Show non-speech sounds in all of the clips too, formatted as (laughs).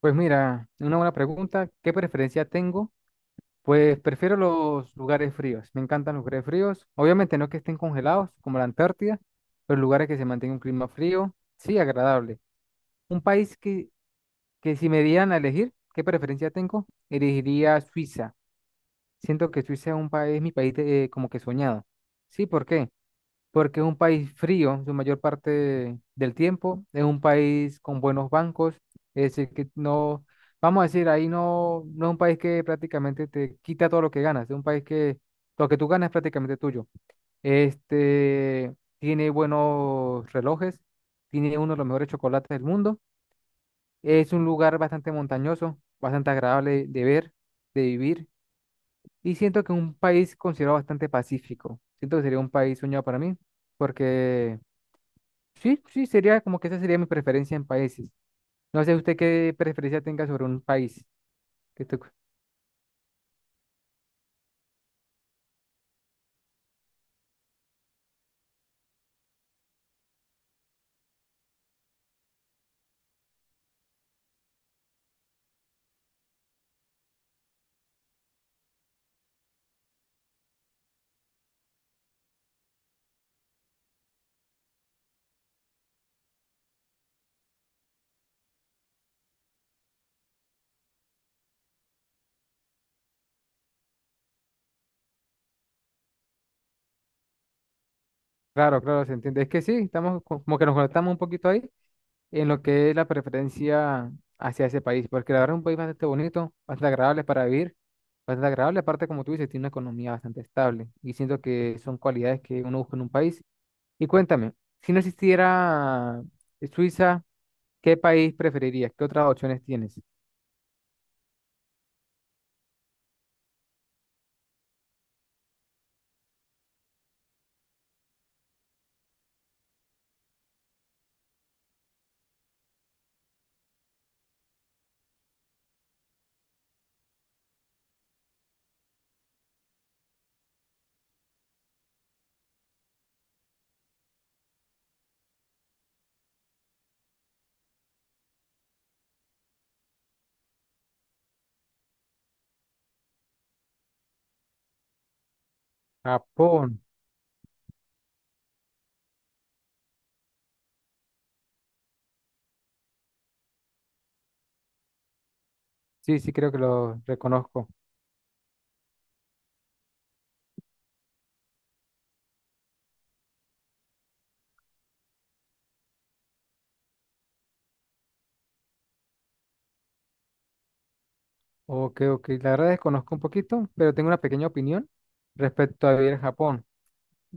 Pues mira, una buena pregunta. ¿Qué preferencia tengo? Pues prefiero los lugares fríos. Me encantan los lugares fríos. Obviamente no que estén congelados, como la Antártida, pero lugares que se mantenga un clima frío, sí, agradable. Un país que si me dieran a elegir, ¿qué preferencia tengo? Elegiría Suiza. Siento que Suiza es un país, mi país de- como que soñado. Sí, ¿por qué? Porque es un país frío su mayor parte del tiempo, es un país con buenos bancos, es decir, que no, vamos a decir, ahí no es un país que prácticamente te quita todo lo que ganas, es un país que lo que tú ganas es prácticamente tuyo. Este, tiene buenos relojes, tiene uno de los mejores chocolates del mundo, es un lugar bastante montañoso, bastante agradable de ver, de vivir, y siento que es un país considerado bastante pacífico. Siento que sería un país soñado para mí, porque sí, sí, sería como que esa sería mi preferencia en países. No sé usted qué preferencia tenga sobre un país. Que tú- claro, claro, se entiende. Es que sí, estamos co- como que nos conectamos un poquito ahí en lo que es la preferencia hacia ese país, porque la verdad es un país bastante bonito, bastante agradable para vivir, bastante agradable, aparte como tú dices, tiene una economía bastante estable y siento que son cualidades que uno busca en un país. Y cuéntame, si no existiera Suiza, ¿qué país preferirías? ¿Qué otras opciones tienes? Japón. Sí, sí, creo que lo reconozco. Ok, ok. La verdad desconozco un poquito, pero tengo una pequeña opinión respecto a vivir en Japón.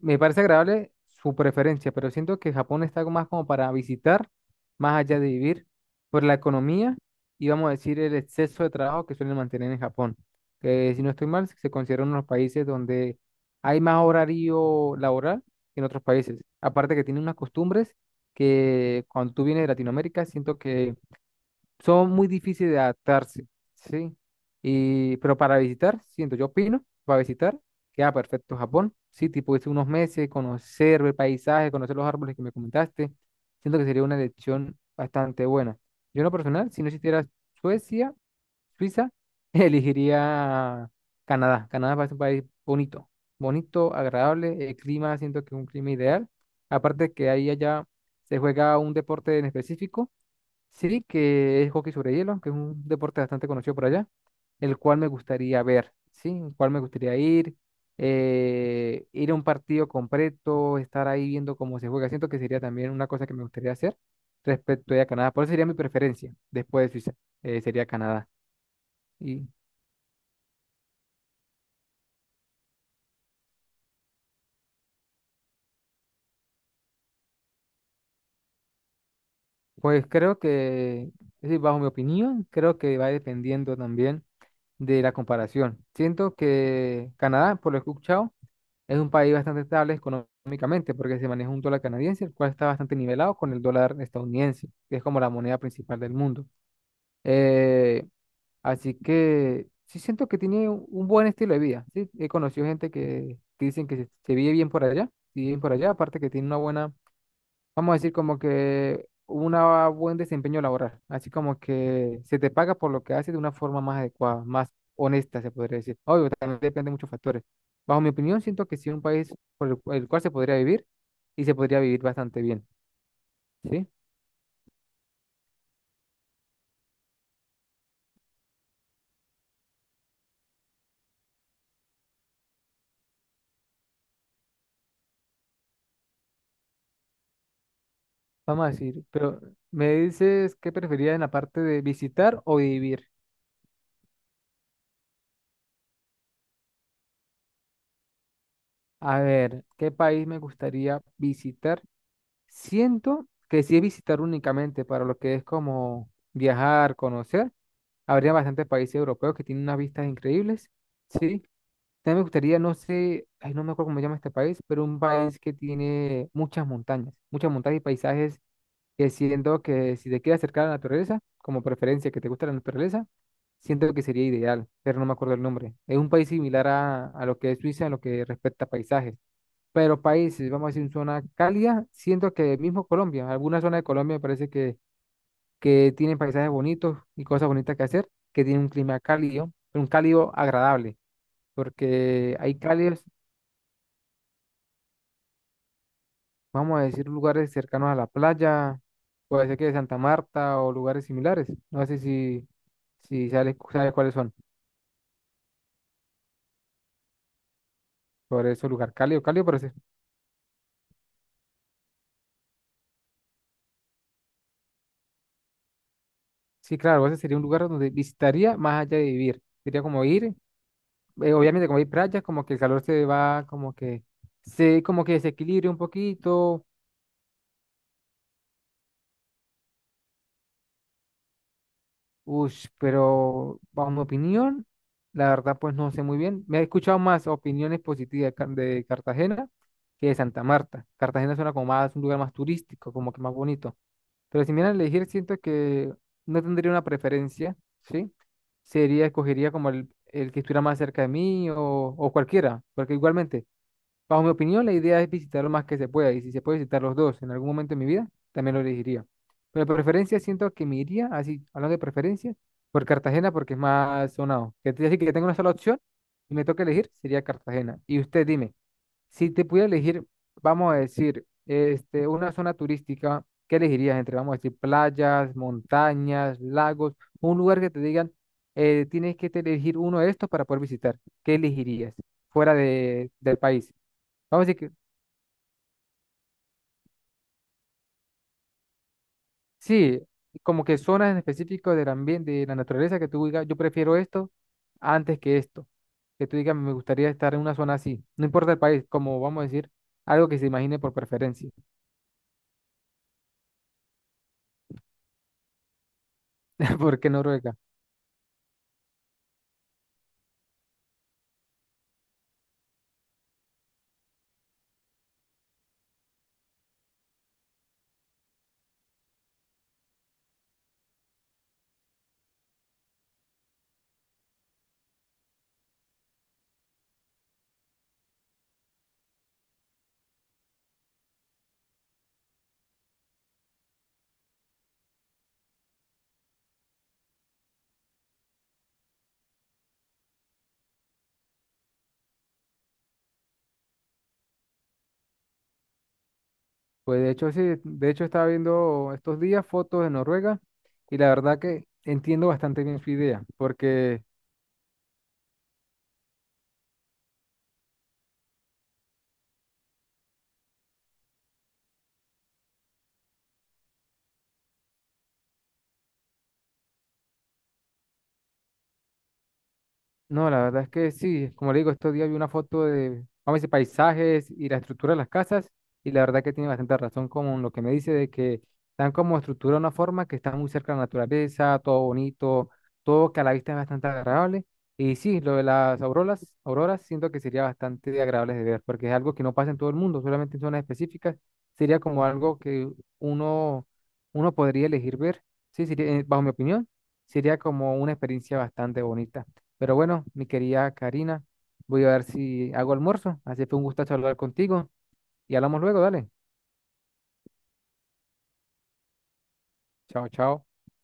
Me parece agradable su preferencia, pero siento que Japón está más como para visitar, más allá de vivir, por la economía y vamos a decir el exceso de trabajo que suelen mantener en Japón. Que si no estoy mal, se considera uno de los países donde hay más horario laboral que en otros países. Aparte que tiene unas costumbres que cuando tú vienes de Latinoamérica, siento que son muy difíciles de adaptarse, ¿sí? Y, pero para visitar, siento, yo opino, para visitar, queda perfecto Japón, ¿sí? Tipo, irse unos meses, conocer el paisaje, conocer los árboles que me comentaste, siento que sería una elección bastante buena. Yo en lo personal, si no existiera Suecia, Suiza, (laughs) elegiría Canadá. Canadá parece un país bonito, bonito, agradable, el clima siento que es un clima ideal. Aparte que ahí allá se juega un deporte en específico, sí, que es hockey sobre hielo, que es un deporte bastante conocido por allá, el cual me gustaría ver, ¿sí? El cual me gustaría ir, ir a un partido completo, estar ahí viendo cómo se juega. Siento que sería también una cosa que me gustaría hacer respecto a Canadá. Por eso sería mi preferencia después de Suiza, sería Canadá. Y pues creo que, es decir, bajo mi opinión, creo que va dependiendo también de la comparación. Siento que Canadá, por lo que he escuchado, es un país bastante estable económicamente porque se maneja un dólar canadiense, el cual está bastante nivelado con el dólar estadounidense, que es como la moneda principal del mundo. Eh, así que sí siento que tiene un buen estilo de vida. Sí, he conocido gente que dicen que se vive bien por allá, sí, bien por allá, aparte que tiene una buena, vamos a decir, como que un buen desempeño laboral, así como que se te paga por lo que haces de una forma más adecuada, más honesta, se podría decir. Obvio, también depende de muchos factores. Bajo mi opinión, siento que sí es un país por el, cu- el cual se podría vivir y se podría vivir bastante bien, ¿sí? Vamos a decir, pero me dices qué preferirías en la parte de visitar o vivir. A ver, ¿qué país me gustaría visitar? Siento que si es visitar únicamente para lo que es como viajar, conocer. Habría bastantes países europeos que tienen unas vistas increíbles, ¿sí? También me gustaría, no sé, ay, no me acuerdo cómo se llama este país, pero un país que tiene muchas montañas y paisajes que siento que si te quieres acercar a la naturaleza, como preferencia que te gusta la naturaleza, siento que sería ideal, pero no me acuerdo el nombre. Es un país similar a lo que es Suiza en lo que respecta a paisajes, pero países, vamos a decir, en zona cálida, siento que mismo Colombia, alguna zona de Colombia me parece que tiene paisajes bonitos y cosas bonitas que hacer, que tiene un clima cálido, pero un cálido agradable, porque hay cálidos, vamos a decir, lugares cercanos a la playa, puede ser que de Santa Marta o lugares similares. No sé si, si sabes, sabes cuáles son, por eso lugar cálido, cálido, pero sí, sí, claro, ese sería un lugar donde visitaría más allá de vivir. Sería como ir, obviamente como hay playas, como que el calor se va, como que se, como que desequilibre un poquito. Ush, pero bajo mi opinión, la verdad pues no sé muy bien. Me he escuchado más opiniones positivas de Ca- de Cartagena que de Santa Marta. Cartagena suena como más un lugar más turístico, como que más bonito. Pero si me dieran a elegir, siento que no tendría una preferencia, ¿sí? Sería, escogería como el que estuviera más cerca de mí o cualquiera, porque igualmente. Bajo mi opinión, la idea es visitar lo más que se pueda y si se puede visitar los dos en algún momento de mi vida, también lo elegiría. Pero de preferencia siento que me iría, así, hablando de preferencia, por Cartagena porque es más sonado. Que te decir que tengo una sola opción y me toca elegir, sería Cartagena. Y usted dime, si te pudiera elegir, vamos a decir, este, una zona turística, ¿qué elegirías entre, vamos a decir, playas, montañas, lagos, un lugar que te digan, tienes que te elegir uno de estos para poder visitar? ¿Qué elegirías fuera de, del país? Vamos a decir que sí, como que zonas en específico del ambiente, de la naturaleza, que tú digas, yo prefiero esto antes que esto. Que tú digas, me gustaría estar en una zona así. No importa el país, como vamos a decir, algo que se imagine por preferencia. (laughs) ¿Por qué Noruega? Pues de hecho, sí, de hecho estaba viendo estos días fotos de Noruega y la verdad que entiendo bastante bien su idea, porque no, la verdad es que sí, como le digo, estos días vi una foto de, vamos a decir, paisajes y la estructura de las casas, y la verdad que tiene bastante razón con lo que me dice de que están como estructura de una forma que está muy cerca de la naturaleza, todo bonito, todo que a la vista es bastante agradable. Y sí, lo de las auroras, auroras siento que sería bastante agradable de ver, porque es algo que no pasa en todo el mundo, solamente en zonas específicas, sería como algo que uno, uno podría elegir ver, sí, sería, bajo mi opinión, sería como una experiencia bastante bonita. Pero bueno, mi querida Karina, voy a ver si hago almuerzo. Así que fue un gustazo hablar contigo y hablamos luego, dale. Chao, chao.